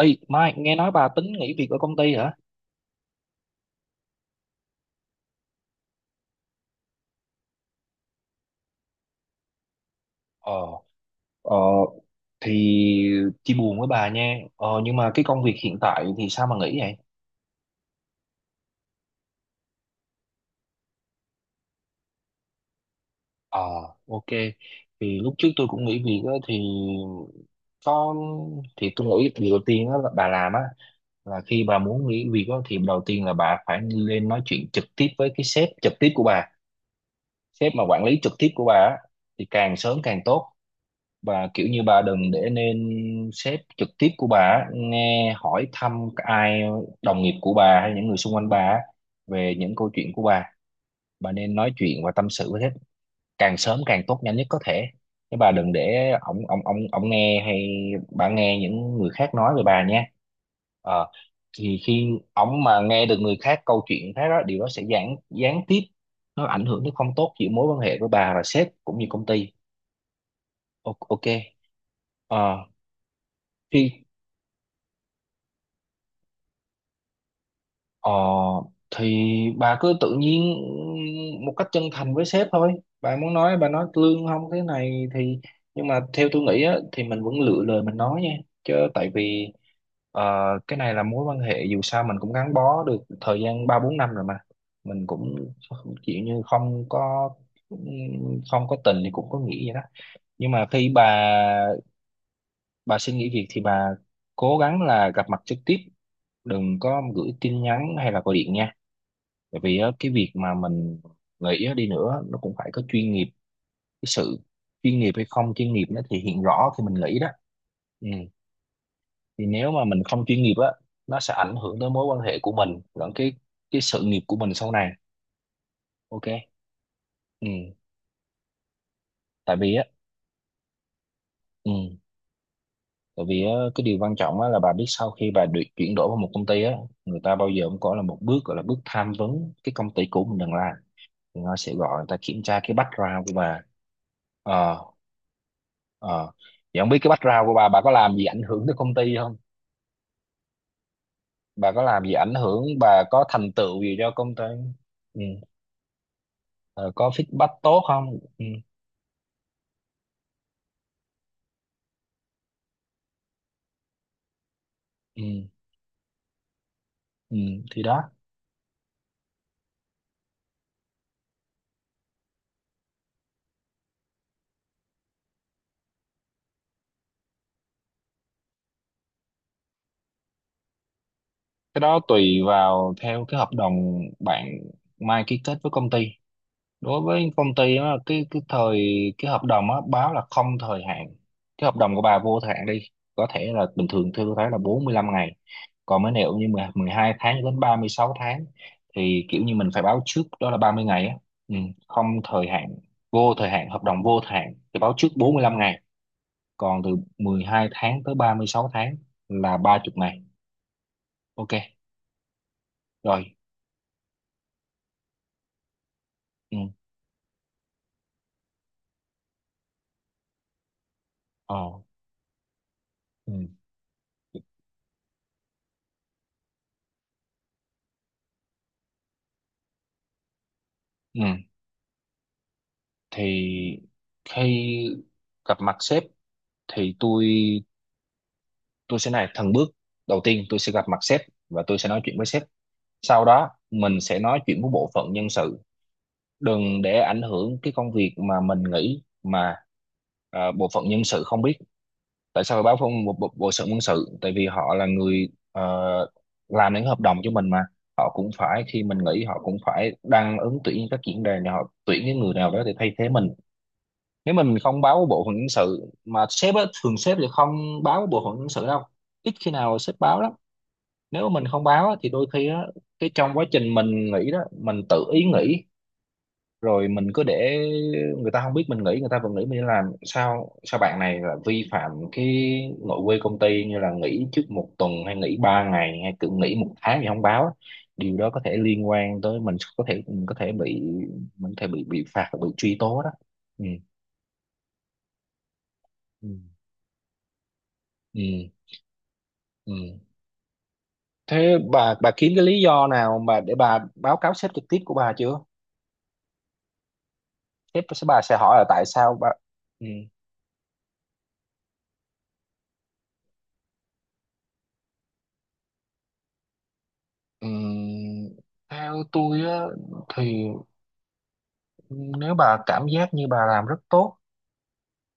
Ê, Mai, nghe nói bà tính nghỉ việc ở công ty hả? Ờ, ờ, thì chia buồn với bà nha. Ờ, nhưng mà cái công việc hiện tại thì sao mà nghỉ vậy? Ờ, ok. Thì lúc trước tôi cũng nghỉ việc á, thì có thì tôi nghĩ việc đầu tiên đó là bà làm á, là khi bà muốn nghỉ việc đó, thì đầu tiên là bà phải lên nói chuyện trực tiếp với cái sếp trực tiếp của bà, sếp mà quản lý trực tiếp của bà á, thì càng sớm càng tốt. Bà kiểu như bà đừng để nên sếp trực tiếp của bà á, nghe hỏi thăm ai, đồng nghiệp của bà hay những người xung quanh bà á về những câu chuyện của bà. Bà nên nói chuyện và tâm sự với sếp càng sớm càng tốt, nhanh nhất có thể, chứ bà đừng để ổng ổng ổng ổng nghe hay bà nghe những người khác nói về bà nha. Ờ, thì khi Ổng mà nghe được người khác câu chuyện khác đó, điều đó sẽ gián gián tiếp, nó ảnh hưởng đến không tốt giữa mối quan hệ của bà và sếp cũng như công ty. Ok. Ờ, khi Ờ, thì Bà cứ tự nhiên một cách chân thành với sếp thôi. Bà muốn nói, bà nói lương không thế này thì, nhưng mà theo tôi nghĩ á, thì mình vẫn lựa lời mình nói nha. Chứ tại vì ờ, cái này là mối quan hệ, dù sao mình cũng gắn bó được thời gian 3 4 năm rồi mà. Mình cũng kiểu như không có, không có tình thì cũng có nghĩa vậy đó. Nhưng mà khi bà xin nghỉ việc thì bà cố gắng là gặp mặt trực tiếp, đừng có gửi tin nhắn hay là gọi điện nha, bởi vì á, cái việc mà mình gợi ý đi nữa nó cũng phải có chuyên nghiệp. Cái sự chuyên nghiệp hay không chuyên nghiệp nó thể hiện rõ khi mình nghĩ đó, ừ. Thì nếu mà mình không chuyên nghiệp á, nó sẽ ảnh hưởng tới mối quan hệ của mình lẫn cái sự nghiệp của mình sau này. Ok, ừ. tại vì á ừ. Tại vì á, cái điều quan trọng á là bà biết, sau khi bà được chuyển đổi vào một công ty á, người ta bao giờ cũng có là một bước, gọi là bước tham vấn cái công ty cũ mình đang làm. Người ta sẽ gọi, người ta kiểm tra cái background của bà. Ờ, Ờ. Vậy không biết cái background của bà có làm gì ảnh hưởng tới công ty không? Bà có làm gì ảnh hưởng, bà có thành tựu gì cho công ty? Ừ. Ờ, có feedback tốt không? Ừ. Ừ. Ừ. Thì đó, cái đó tùy vào theo cái hợp đồng bạn Mai ký kết với công ty. Đối với công ty á, cái thời, cái hợp đồng á, báo là không thời hạn, cái hợp đồng của bà vô thời hạn đi, có thể là bình thường tôi thấy là 45 ngày. Còn mấy này cũng như 10 12 tháng cho đến 36 tháng thì kiểu như mình phải báo trước đó là 30 ngày á, ừ. Không thời hạn, vô thời hạn, hợp đồng vô thời hạn thì báo trước 45 ngày, còn từ 12 tháng tới 36 tháng là 30 ngày. Ok, rồi, ừ. Ờ. Ờ. Ừ. Ừ. Thì khi gặp mặt sếp thì tôi sẽ này thần bước, đầu tiên tôi sẽ gặp mặt sếp và tôi sẽ nói chuyện với sếp, sau đó mình sẽ nói chuyện với bộ phận nhân sự, đừng để ảnh hưởng cái công việc mà mình nghĩ mà. À, bộ phận nhân sự không biết tại sao phải báo phong bộ sự nhân sự, tại vì họ là người làm những hợp đồng cho mình mà. Họ cũng phải, khi mình nghỉ họ cũng phải đăng ứng tuyển các diễn đàn để họ tuyển cái người nào đó để thay thế mình. Nếu mình không báo bộ phận nhân sự mà sếp á, thường sếp thì không báo bộ phận nhân sự đâu, ít khi nào sếp báo lắm. Nếu mà mình không báo á, thì đôi khi á, cái trong quá trình mình nghỉ đó, mình tự ý nghỉ rồi mình cứ để người ta không biết mình nghỉ, người ta vẫn nghĩ mình đi làm sao sao. Bạn này là vi phạm cái nội quy công ty, như là nghỉ trước một tuần hay nghỉ 3 ngày hay cứ nghỉ một tháng thì không báo á. Điều đó có thể liên quan tới mình, có thể mình có thể bị, mình có thể bị phạt, bị truy tố đó, ừ. Ừ. ừ ừ Thế bà kiếm cái lý do nào mà để bà báo cáo sếp trực tiếp của bà chưa? Sếp sẽ, bà sẽ hỏi là tại sao bà, ừ. Ừm, Theo tôi á, thì nếu bà cảm giác như bà làm rất tốt,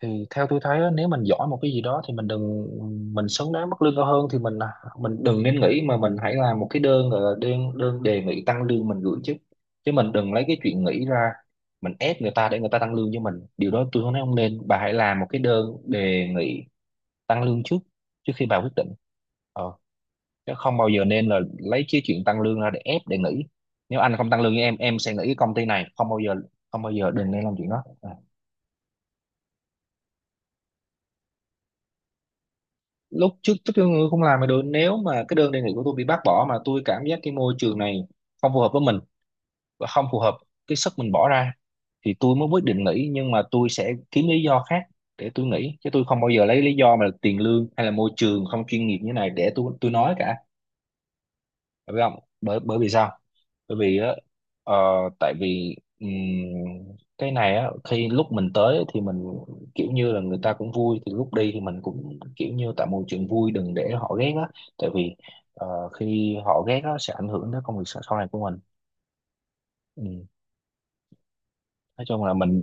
thì theo tôi thấy á, nếu mình giỏi một cái gì đó thì mình đừng, mình xứng đáng mức lương cao hơn thì mình đừng nên nghĩ mà mình hãy làm một cái đơn, gọi là đơn đơn đề nghị tăng lương mình gửi, chứ chứ mình đừng lấy cái chuyện nghĩ ra mình ép người ta để người ta tăng lương cho mình, điều đó tôi không nói không nên. Bà hãy làm một cái đơn đề nghị tăng lương trước, trước khi bà quyết định, ờ, chứ không bao giờ nên là lấy cái chuyện tăng lương ra để ép để nghỉ. Nếu anh không tăng lương với em sẽ nghỉ cái công ty này, không bao giờ, không bao giờ đừng nên làm chuyện đó à. Lúc trước, tôi không làm mà được, nếu mà cái đơn đề nghị của tôi bị bác bỏ mà tôi cảm giác cái môi trường này không phù hợp với mình, và không phù hợp cái sức mình bỏ ra, thì tôi mới quyết định nghỉ. Nhưng mà tôi sẽ kiếm lý do khác để tôi nghỉ, chứ tôi không bao giờ lấy lý do mà tiền lương hay là môi trường không chuyên nghiệp như thế này để tôi nói cả, phải không? Bởi Bởi vì sao? Bởi vì á, ờ, tại vì cái này á, khi lúc mình tới thì mình kiểu như là người ta cũng vui, thì lúc đi thì mình cũng kiểu như tạo môi trường vui, đừng để họ ghét á. Tại vì khi họ ghét á sẽ ảnh hưởng tới công việc sau sau này của mình, ừ. Nói chung là mình,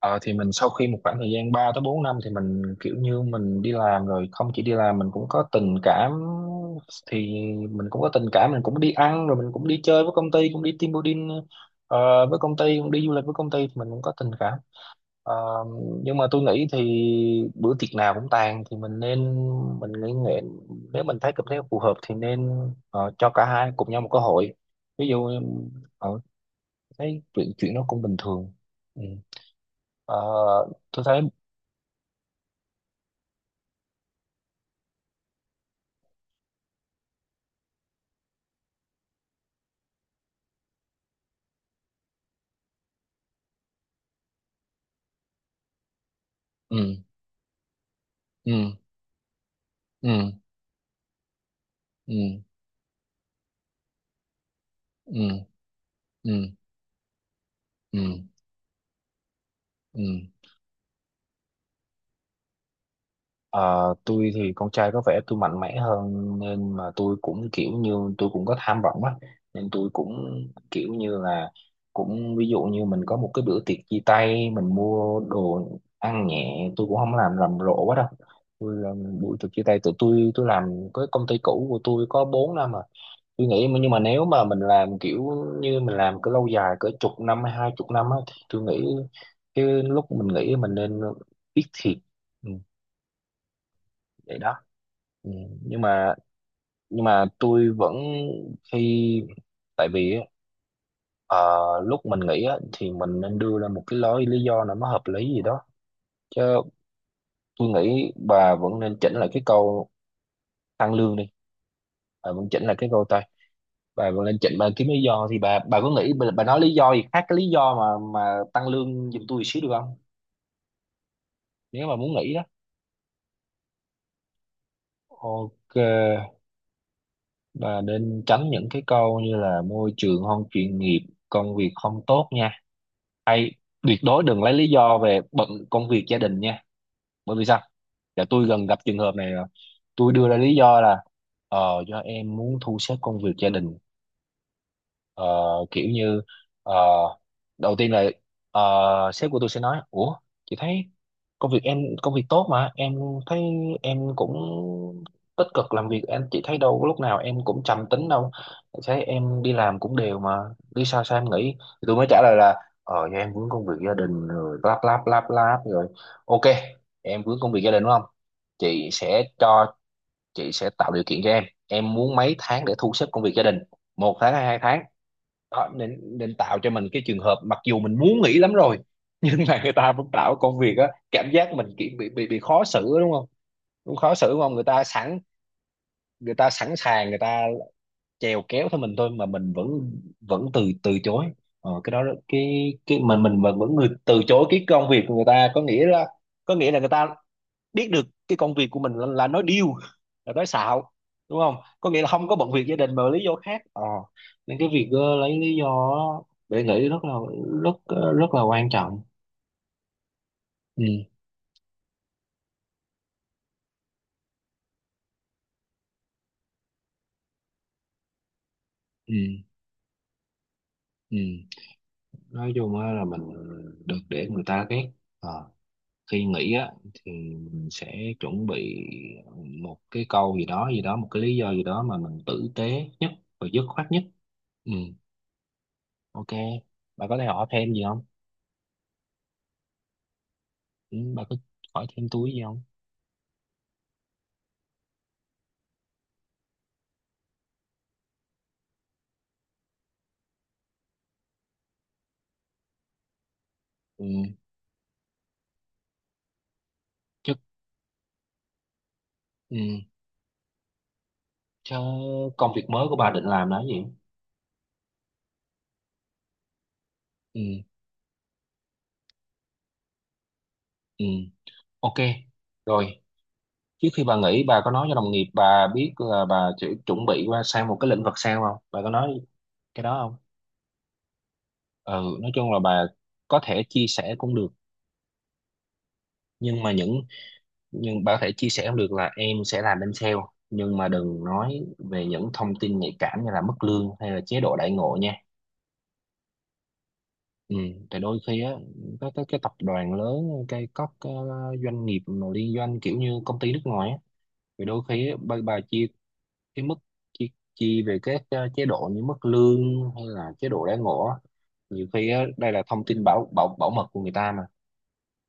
Ờ, thì mình sau khi một khoảng thời gian 3 tới 4 năm thì mình kiểu như mình đi làm rồi, không chỉ đi làm mình cũng có tình cảm, thì mình cũng có tình cảm, mình cũng đi ăn rồi mình cũng đi chơi với công ty, cũng đi team building ờ, với công ty, cũng đi du lịch với công ty, thì mình cũng có tình cảm. Ờ, nhưng mà tôi nghĩ thì bữa tiệc nào cũng tàn, thì mình nên, mình nghĩ nghệ, nếu mình thấy cảm thấy phù hợp thì nên, cho cả hai cùng nhau một cơ hội, ví dụ uh, thấy chuyện chuyện nó cũng bình thường. Ừ. Ờ, tôi thấy, ừ. ừ ừ ừ ừ ừ ừ ừ Ờ, tôi thì con trai có vẻ tôi mạnh mẽ hơn nên mà tôi cũng kiểu như tôi cũng có tham vọng á, nên tôi cũng kiểu như là cũng ví dụ như mình có một cái bữa tiệc chia tay, mình mua đồ ăn nhẹ, tôi cũng không làm rầm rộ quá đâu. Tôi làm buổi tiệc chia tay tụi tôi làm cái công ty cũ của tôi có 4 năm à, nhưng mà nếu mà mình làm kiểu như mình làm cứ lâu dài cỡ chục năm hay hai chục năm á, thì tôi nghĩ cái lúc mình nghĩ mình nên biết thiệt, ừ, vậy đó, ừ. nhưng mà nhưng mà tôi vẫn khi tại vì á, ờ, lúc mình nghĩ á, thì mình nên đưa ra một cái lối lý do nào nó hợp lý gì đó chứ. Tôi nghĩ bà vẫn nên chỉnh lại cái câu tăng lương đi, bà vẫn chỉnh lại cái câu tăng. Bà mà lên trình bà kiếm lý do thì bà có nghĩ bà nói lý do gì khác cái lý do mà tăng lương giùm tôi xíu được không? Nếu mà muốn nghĩ đó. Ok, bà nên tránh những cái câu như là môi trường không chuyên nghiệp, công việc không tốt nha, hay tuyệt đối đừng lấy lý do về bận công việc gia đình nha. Bởi vì sao? Dạ, tôi gần gặp trường hợp này rồi. Tôi đưa ra lý do là do em muốn thu xếp công việc gia đình. Ờ, kiểu như, ờ, đầu tiên là, ờ, sếp của tôi sẽ nói: ủa chị thấy công việc em công việc tốt mà em, thấy em cũng tích cực làm việc em, chị thấy đâu có lúc nào em cũng trầm tính đâu, thấy em đi làm cũng đều mà, đi sao sao em nghĩ? Thì tôi mới trả lời là do em vướng công việc gia đình rồi lắp lắp lắp lắp rồi. Ok, em vướng công việc gia đình đúng không, chị sẽ cho, chị sẽ tạo điều kiện cho em muốn mấy tháng để thu xếp công việc gia đình, 1 tháng hay 2 tháng? Đó, nên nên tạo cho mình cái trường hợp mặc dù mình muốn nghỉ lắm rồi nhưng mà người ta vẫn tạo công việc á, cảm giác mình kiểu bị khó xử á, đúng không? Cũng khó xử đúng không, người ta sẵn sàng, người ta chèo kéo theo mình thôi mà mình vẫn vẫn từ từ chối. Cái mình vẫn vẫn người từ chối cái công việc của người ta có nghĩa là người ta biết được cái công việc của mình là nói điêu, là nói xạo đúng không, có nghĩa là không có bận việc gia đình mà lý do khác. Ờ Nên cái việc, lấy lý do đó để nghĩ rất rất là quan trọng. Ừ, ừ, ừ. Nói chung á là mình được để người ta ghét. Ờ, khi nghĩ á thì mình sẽ chuẩn bị một cái câu gì đó gì đó, một cái lý do gì đó mà mình tử tế nhất và dứt khoát nhất. Ừ. Ok, bà có thể hỏi thêm gì không? Ừ, bà có hỏi thêm túi gì không? Ừ, chứ. Ừ, chứ công việc mới của bà định làm là cái gì? Ừ, ừ, ok, rồi. Trước khi bà nghỉ bà có nói cho đồng nghiệp bà biết là bà chỉ chuẩn bị qua sang một cái lĩnh vực sao không, bà có nói cái đó không? Ừ, nói chung là bà có thể chia sẻ cũng được. Nhưng mà những, nhưng bà có thể chia sẻ cũng được là em sẽ làm bên sale, nhưng mà đừng nói về những thông tin nhạy cảm như là mức lương hay là chế độ đãi ngộ nha. Ừ, tại đôi khi á các cái tập đoàn lớn, cái các cái doanh nghiệp mà liên doanh kiểu như công ty nước ngoài á, thì đôi khi á, bà chia cái mức, chi, chi về các, chế độ như mức lương hay là chế độ đãi ngộ á, nhiều khi á đây là thông tin bảo bảo bảo mật của người ta mà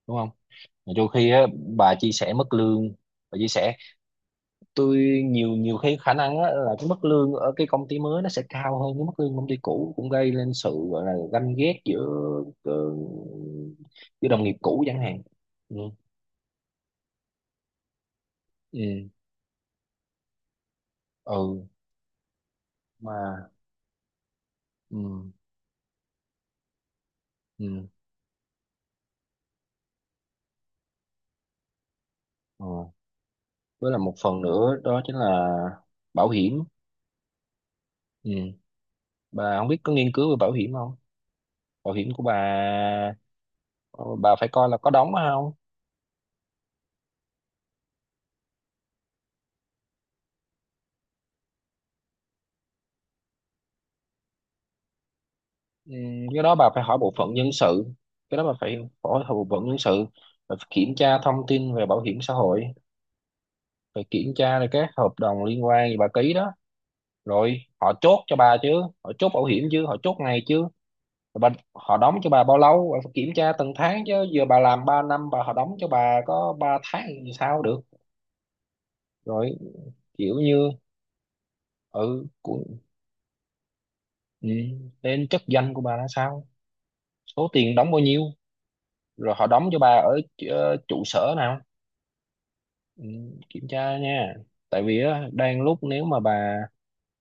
đúng không? Mà đôi khi á bà chia sẻ mức lương, bà chia sẻ tôi, nhiều nhiều khi khả năng á, là cái mức lương ở cái công ty mới nó sẽ cao hơn cái mức lương công ty cũ, cũng gây lên sự gọi là ganh ghét giữa, ờ, giữa đồng nghiệp cũ chẳng hạn. Ừ, ừ, ừ mà ừ, ừ, ừ. Với là một phần nữa đó chính là bảo hiểm. Ừ, bà không biết có nghiên cứu về bảo hiểm không? Bảo hiểm của bà, ờ, bà phải coi là có đóng hay không. Ừ, cái đó bà phải hỏi bộ phận nhân sự, cái đó bà phải hỏi bộ phận nhân sự. Bà phải kiểm tra thông tin về bảo hiểm xã hội, phải kiểm tra là các hợp đồng liên quan gì bà ký đó. Rồi họ chốt cho bà chứ, họ chốt bảo hiểm chứ, họ chốt ngày chứ, rồi bà, họ đóng cho bà bao lâu bà phải kiểm tra từng tháng chứ, giờ bà làm 3 năm bà họ đóng cho bà có 3 tháng thì sao được. Rồi kiểu như, ừ, của, ừ, lên chức danh của bà là sao, số tiền đóng bao nhiêu, rồi họ đóng cho bà ở, trụ sở nào. Ừ, kiểm tra nha. Tại vì á đang lúc nếu mà bà,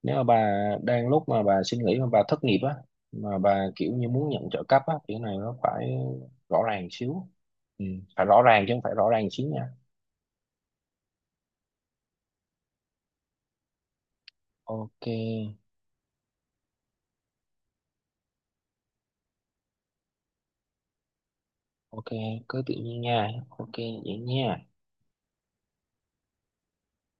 nếu mà bà đang lúc mà bà suy nghĩ mà bà thất nghiệp á, mà bà kiểu như muốn nhận trợ cấp á kiểu này nó phải rõ ràng xíu. Ừ, phải rõ ràng chứ không phải rõ ràng xíu nha. Ok. Ok, cứ tự nhiên nha. Ok. Vậy nha.